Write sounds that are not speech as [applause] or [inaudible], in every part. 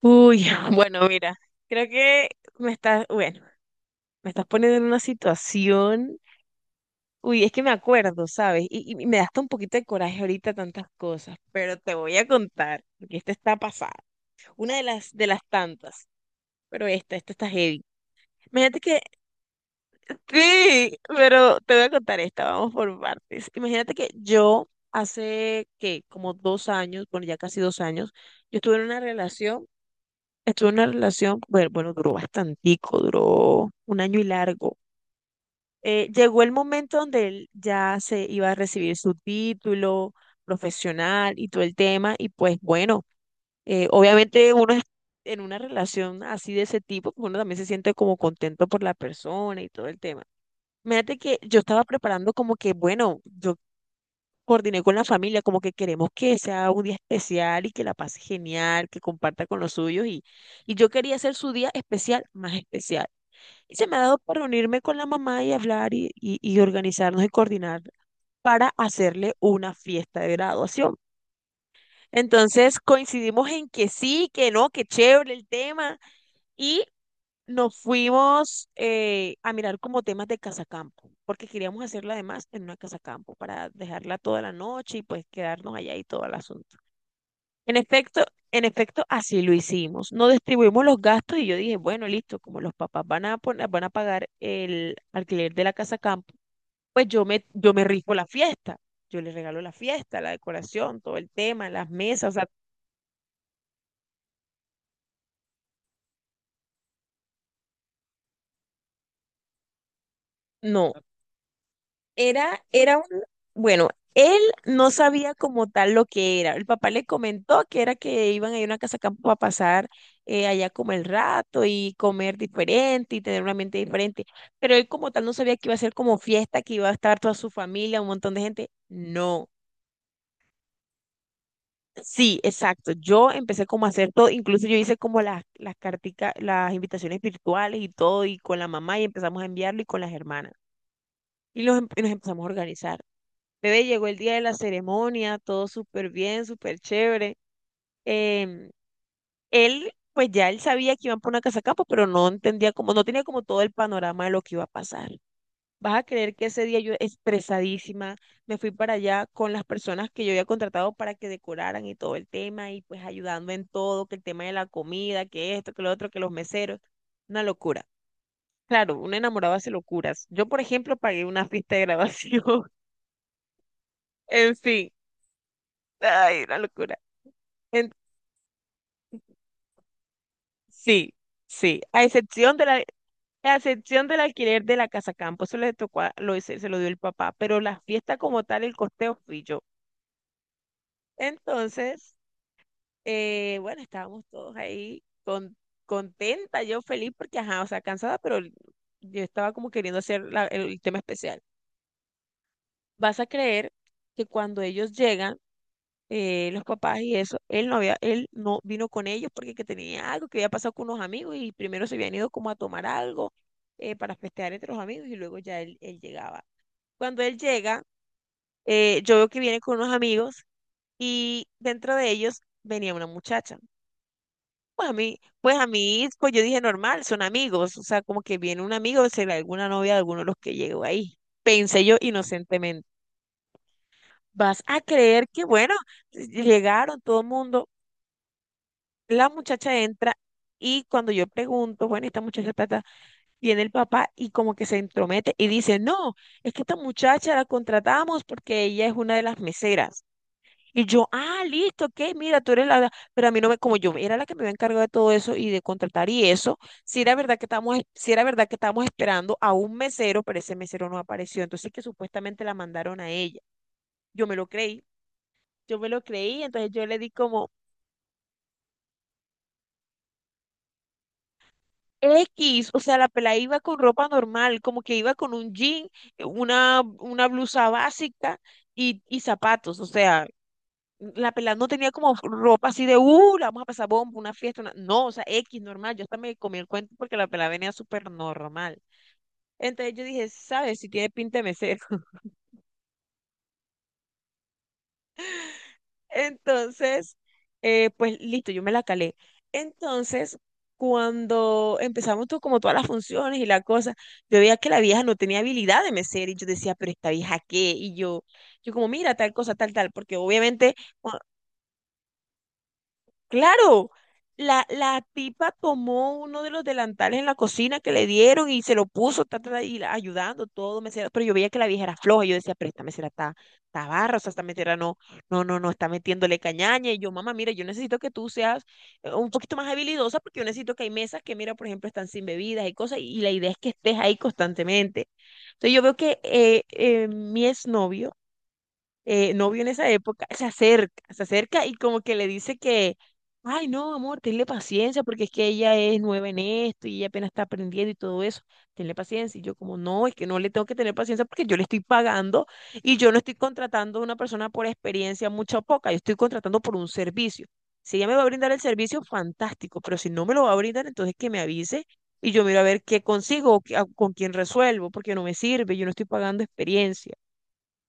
Uy, [laughs] bueno, mira, creo que me estás, bueno, me estás poniendo en una situación. Uy, es que me acuerdo, ¿sabes? Y me da hasta un poquito de coraje ahorita tantas cosas, pero te voy a contar, porque esta está pasada. Una de las tantas, pero esta está heavy. Imagínate que, sí, pero te voy a contar esta, vamos por partes. Imagínate que yo hace, que como 2 años, bueno, ya casi 2 años, yo estuve en una relación, estuve en una relación, bueno, bueno, duró bastantico, duró un año y largo. Llegó el momento donde él ya se iba a recibir su título profesional y todo el tema, y pues bueno, obviamente en una relación así de ese tipo, pues uno también se siente como contento por la persona y todo el tema. Fíjate que yo estaba preparando como que, bueno, yo coordiné con la familia, como que queremos que sea un día especial y que la pase genial, que comparta con los suyos, y yo quería hacer su día especial más especial. Y se me ha dado por reunirme con la mamá y hablar y organizarnos y coordinar para hacerle una fiesta de graduación. Entonces coincidimos en que sí, que no, que chévere el tema y nos fuimos a mirar como temas de casacampo, porque queríamos hacerla además en una casacampo para dejarla toda la noche y pues quedarnos allá y todo el asunto. En efecto, en efecto, así lo hicimos. No distribuimos los gastos y yo dije, bueno, listo, como los papás van a poner, van a pagar el alquiler de la casa campo, pues yo me rifo la fiesta. Yo les regalo la fiesta, la decoración, todo el tema, las mesas, o sea, no, Era un, bueno, él no sabía como tal lo que era. El papá le comentó que era que iban a ir a una casa campo a pasar allá como el rato y comer diferente y tener una mente diferente. Pero él como tal no sabía que iba a ser como fiesta, que iba a estar toda su familia, un montón de gente. No. Sí, exacto. Yo empecé como a hacer todo, incluso yo hice como las carticas, las invitaciones virtuales y todo, y con la mamá y empezamos a enviarlo y con las hermanas. Y nos empezamos a organizar. Bebé, llegó el día de la ceremonia, todo súper bien, súper chévere. Em, Él, pues ya él sabía que iban por una casa campo, pero no entendía como, no tenía como todo el panorama de lo que iba a pasar. Vas a creer que ese día yo expresadísima me fui para allá con las personas que yo había contratado para que decoraran y todo el tema y pues ayudando en todo, que el tema de la comida, que esto, que lo otro, que los meseros, una locura. Claro, un enamorado hace locuras. Yo, por ejemplo, pagué una [laughs] fiesta de grabación. [laughs] En fin, ay, una locura. Sí, sí, a excepción de la, a excepción del alquiler de la casa campo, eso le tocó, lo dio el papá, pero la fiesta como tal, el costeo fui yo. Entonces, bueno, estábamos todos ahí con, contenta, yo feliz porque, ajá, o sea, cansada, pero yo estaba como queriendo hacer el tema especial. Vas a creer que cuando ellos llegan, los papás y eso, él no había, él no vino con ellos porque que tenía algo que había pasado con unos amigos y primero se habían ido como a tomar algo para festejar entre los amigos y luego ya él llegaba. Cuando él llega, yo veo que viene con unos amigos y dentro de ellos venía una muchacha. Pues yo dije normal, son amigos, o sea, como que viene un amigo, será alguna novia de alguno de los que llegó ahí, pensé yo inocentemente. Vas a creer que, bueno, llegaron todo el mundo. La muchacha entra y cuando yo pregunto, bueno, esta muchacha ta, viene el papá y como que se entromete y dice, no, es que esta muchacha la contratamos porque ella es una de las meseras. Y yo, ah, listo, ok, mira, tú eres la, pero a mí no me, como yo era la que me había encargado de todo eso y de contratar y eso, si era verdad que estábamos, si era verdad que estábamos esperando a un mesero, pero ese mesero no apareció, entonces que supuestamente la mandaron a ella. Yo me lo creí, yo me lo creí, entonces yo le di como X, o sea, la pelada iba con ropa normal, como que iba con un jean, una blusa básica y zapatos, o sea, la pelada no tenía como ropa así de, la vamos a pasar bomba, una fiesta, una-". No, o sea, X normal, yo hasta me comí el cuento porque la pelada venía súper normal. Entonces yo dije, ¿sabes? Si tiene pinta de mesera. Entonces, pues listo, yo me la calé. Entonces, cuando empezamos todo, como todas las funciones y la cosa, yo veía que la vieja no tenía habilidad de mesera y yo decía, pero esta vieja qué, y yo como, mira, tal cosa, tal, tal, porque obviamente. Claro, la tipa tomó uno de los delantales en la cocina que le dieron y se lo puso, ta, ta, ta, y la- ayudando todo, mesera, pero yo veía que la vieja era floja, yo decía, pero esta mesera está barra, o sea, esta mesera no, no, no, no, está metiéndole cañaña, y yo, mamá, mira, yo necesito que tú seas un poquito más habilidosa, porque yo necesito que hay mesas que, mira, por ejemplo, están sin bebidas y cosas, y la idea es que estés ahí constantemente. Entonces yo veo que mi exnovio, novio en esa época, se acerca y como que le dice que, ay, no, amor, tenle paciencia porque es que ella es nueva en esto y ella apenas está aprendiendo y todo eso, tenle paciencia. Y yo como, no, es que no le tengo que tener paciencia porque yo le estoy pagando y yo no estoy contratando a una persona por experiencia mucha o poca, yo estoy contratando por un servicio. Si ella me va a brindar el servicio, fantástico, pero si no me lo va a brindar, entonces que me avise. Y yo miro a ver qué consigo, con quién resuelvo, porque no me sirve, yo no estoy pagando experiencia.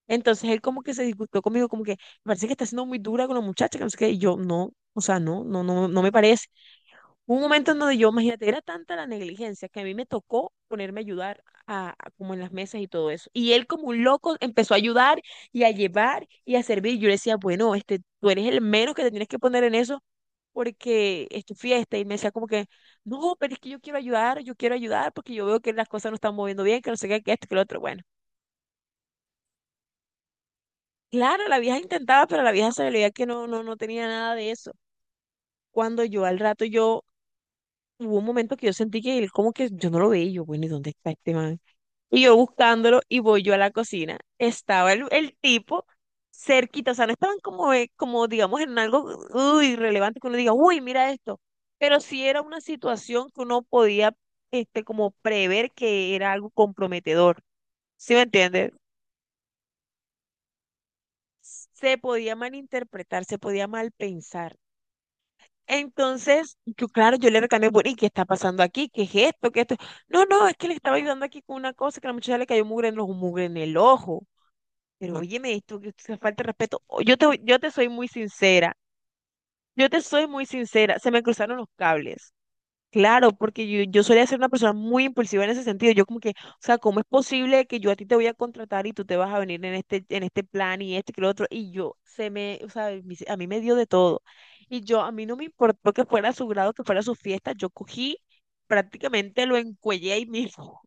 Entonces él como que se disgustó conmigo, como que me parece que está siendo muy dura con la muchacha, que no sé qué, y yo no, o sea, no, no, no, no me parece. Hubo un momento en donde yo, imagínate, era tanta la negligencia que a mí me tocó ponerme a ayudar como en las mesas y todo eso. Y él como un loco empezó a ayudar y a llevar y a servir. Yo le decía, bueno, este, tú eres el menos que te tienes que poner en eso porque es tu fiesta. Y me decía como que, no, pero es que yo quiero ayudar porque yo veo que las cosas no están moviendo bien, que no sé qué, que esto, que lo otro. Bueno. Claro, la vieja intentaba, pero la vieja se veía que no, no, no tenía nada de eso. Cuando yo al rato, yo, hubo un momento que yo sentí que él como que yo no lo veía, y yo, bueno, ¿y dónde está este man? Y yo buscándolo y voy yo a la cocina. Estaba el tipo cerquita, o sea, no estaban como, como digamos, en algo uy, relevante que uno diga, uy, mira esto. Pero sí era una situación que uno podía, este, como prever que era algo comprometedor. ¿Sí me entiendes? Se podía malinterpretar, se podía mal pensar. Entonces, yo, claro, yo le reclamé, bueno, ¿y qué está pasando aquí? ¿Qué es esto? ¿Qué es esto? No, no, es que le estaba ayudando aquí con una cosa que a la muchacha le cayó mugre en los mugre en el ojo. Pero óyeme, esto que esto es falta de respeto. O- Yo te soy muy sincera. Yo te soy muy sincera. Se me cruzaron los cables. Claro, porque yo solía ser una persona muy impulsiva en ese sentido. Yo como que, o sea, ¿cómo es posible que yo a ti te voy a contratar y tú te vas a venir en este, plan y este que lo otro? Y yo se me, o sea, a mí me dio de todo. Y yo, a mí no me importó que fuera su grado, que fuera su fiesta, yo cogí, prácticamente lo encuellé ahí mismo.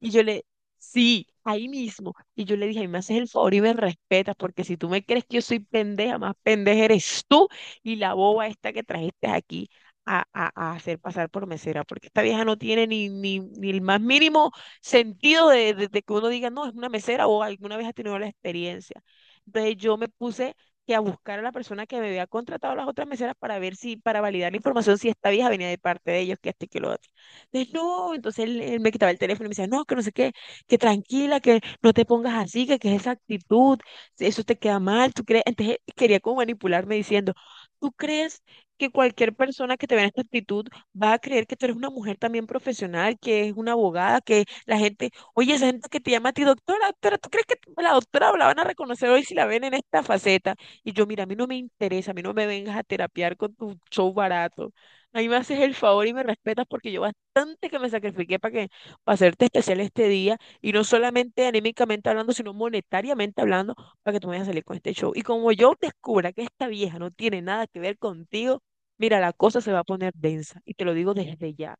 Y yo le, sí, ahí mismo. Y yo le dije, a mí me haces el favor y me respetas, porque si tú me crees que yo soy pendeja, más pendeja eres tú y la boba esta que trajiste aquí a hacer pasar por mesera, porque esta vieja no tiene ni el más mínimo sentido de que uno diga, no, es una mesera o alguna vez ha tenido la experiencia. Entonces yo me puse que a buscar a la persona que me había contratado las otras meseras para ver si, para validar la información, si esta vieja venía de parte de ellos, que este y que lo otro. Entonces, no, entonces él me quitaba el teléfono y me decía, no, que no sé qué, que tranquila, que no te pongas así, que esa actitud, eso te queda mal, tú crees. Entonces él quería como manipularme diciendo, ¿tú crees que cualquier persona que te vea en esta actitud va a creer que tú eres una mujer también profesional, que es una abogada, que la gente, oye, esa gente que te llama a ti doctora, doctora, ¿tú crees que la doctora la van a reconocer hoy si la ven en esta faceta? Y yo, mira, a mí no me interesa, a mí no me vengas a terapiar con tu show barato. A mí me haces el favor y me respetas, porque yo bastante que me sacrifiqué para que, para hacerte especial este día, y no solamente anímicamente hablando, sino monetariamente hablando, para que tú me vayas a salir con este show. Y como yo descubra que esta vieja no tiene nada que ver contigo, mira, la cosa se va a poner densa, y te lo digo desde ya,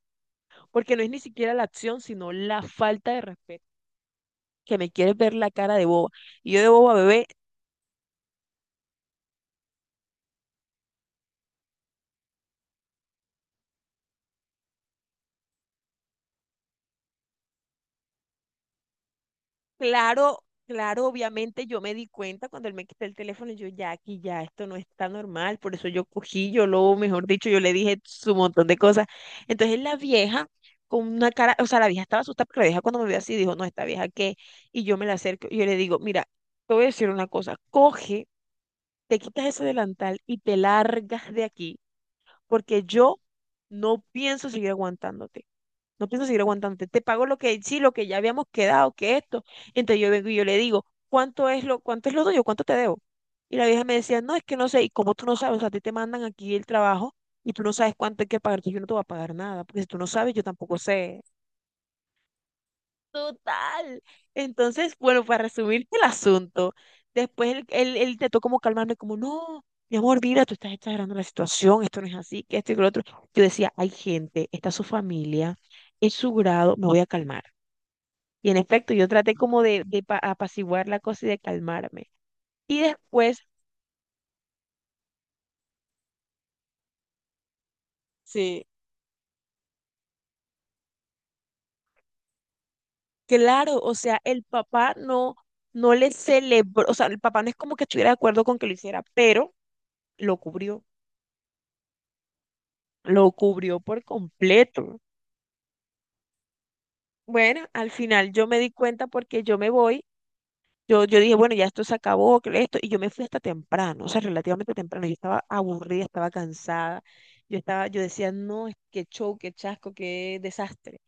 porque no es ni siquiera la acción, sino la falta de respeto, que me quieres ver la cara de boba. Y yo de boba, bebé. Claro, claro, obviamente yo me di cuenta cuando él me quitó el teléfono. Yo ya, aquí ya esto no está normal, por eso yo cogí, yo lo, mejor dicho, yo le dije su montón de cosas. Entonces la vieja, con una cara, o sea, la vieja estaba asustada, porque la vieja cuando me vio así dijo, no, esta vieja qué. Y yo me la acerco y yo le digo, mira, te voy a decir una cosa, coge, te quitas ese delantal y te largas de aquí, porque yo no pienso seguir aguantándote. No pienso seguir aguantándote. Te pago lo que sí, lo que ya habíamos quedado, que esto. Entonces yo vengo y yo le digo, cuánto es lo tuyo? ¿Cuánto te debo? Y la vieja me decía, no, es que no sé. ¿Y como tú no sabes? O sea, a ti te mandan aquí el trabajo y tú no sabes cuánto hay que pagar. Entonces yo no te voy a pagar nada, porque si tú no sabes, yo tampoco sé. Total. Entonces, bueno, para resumir el asunto, después él intentó como calmarme, como, no, mi amor, mira, tú estás exagerando la situación, esto no es así, que esto y que lo otro. Yo decía, hay gente, está su familia, es su grado, me voy a calmar. Y en efecto, yo traté como de, apaciguar la cosa y de calmarme. Y después, sí, claro, o sea, el papá no, no le celebró, o sea, el papá no es como que estuviera de acuerdo con que lo hiciera, pero lo cubrió, lo cubrió por completo. Bueno, al final yo me di cuenta porque yo me voy, yo dije, bueno, ya esto se acabó, que esto, y yo me fui hasta temprano, o sea, relativamente temprano, yo estaba aburrida, estaba cansada, yo estaba, yo decía, no, es que show, qué chasco, qué desastre.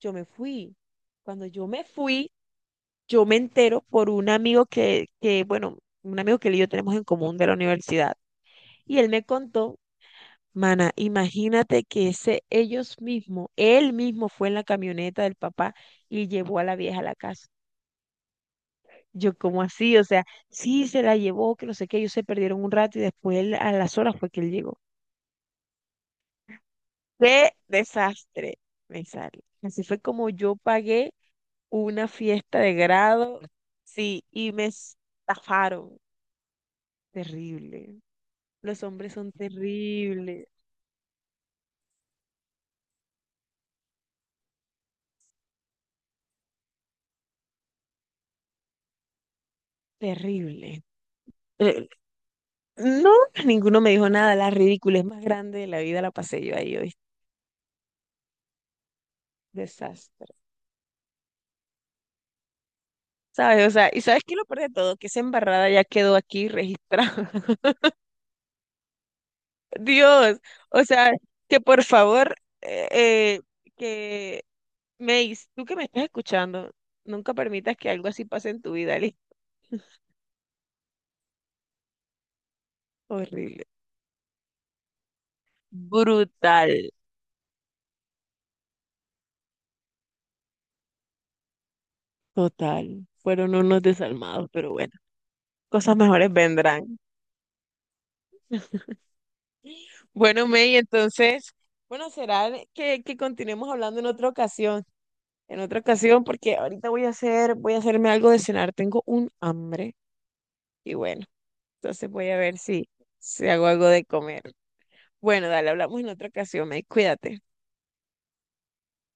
Yo me fui. Cuando yo me fui, yo me entero por un amigo que, un amigo que él y yo tenemos en común de la universidad. Y él me contó, mana, imagínate que ese ellos mismos, él mismo fue en la camioneta del papá y llevó a la vieja a la casa. Yo, ¿cómo así? O sea, sí se la llevó, que no sé qué, ellos se perdieron un rato y después a las horas fue que él llegó. ¡Qué desastre! Me sale. Así fue como yo pagué una fiesta de grado, sí, y me estafaron. Terrible. Los hombres son terribles, terrible. Eh, No, ninguno me dijo nada. La ridiculez más grande de la vida la pasé yo ahí hoy. Desastre. ¿Sabes? O sea, ¿y sabes qué es lo peor de todo? Que esa embarrada ya quedó aquí registrada. [laughs] Dios, o sea, que por favor, eh, eh, que Mace, tú que me estás escuchando, nunca permitas que algo así pase en tu vida, [laughs] ¿listo? Horrible. Brutal. Total. Fueron unos desalmados, pero bueno, cosas mejores vendrán. Bueno, May, entonces, bueno, será que continuemos hablando en otra ocasión, porque ahorita voy a hacer, voy a hacerme algo de cenar, tengo un hambre. Y bueno, entonces voy a ver si, si hago algo de comer. Bueno, dale, hablamos en otra ocasión, May, cuídate.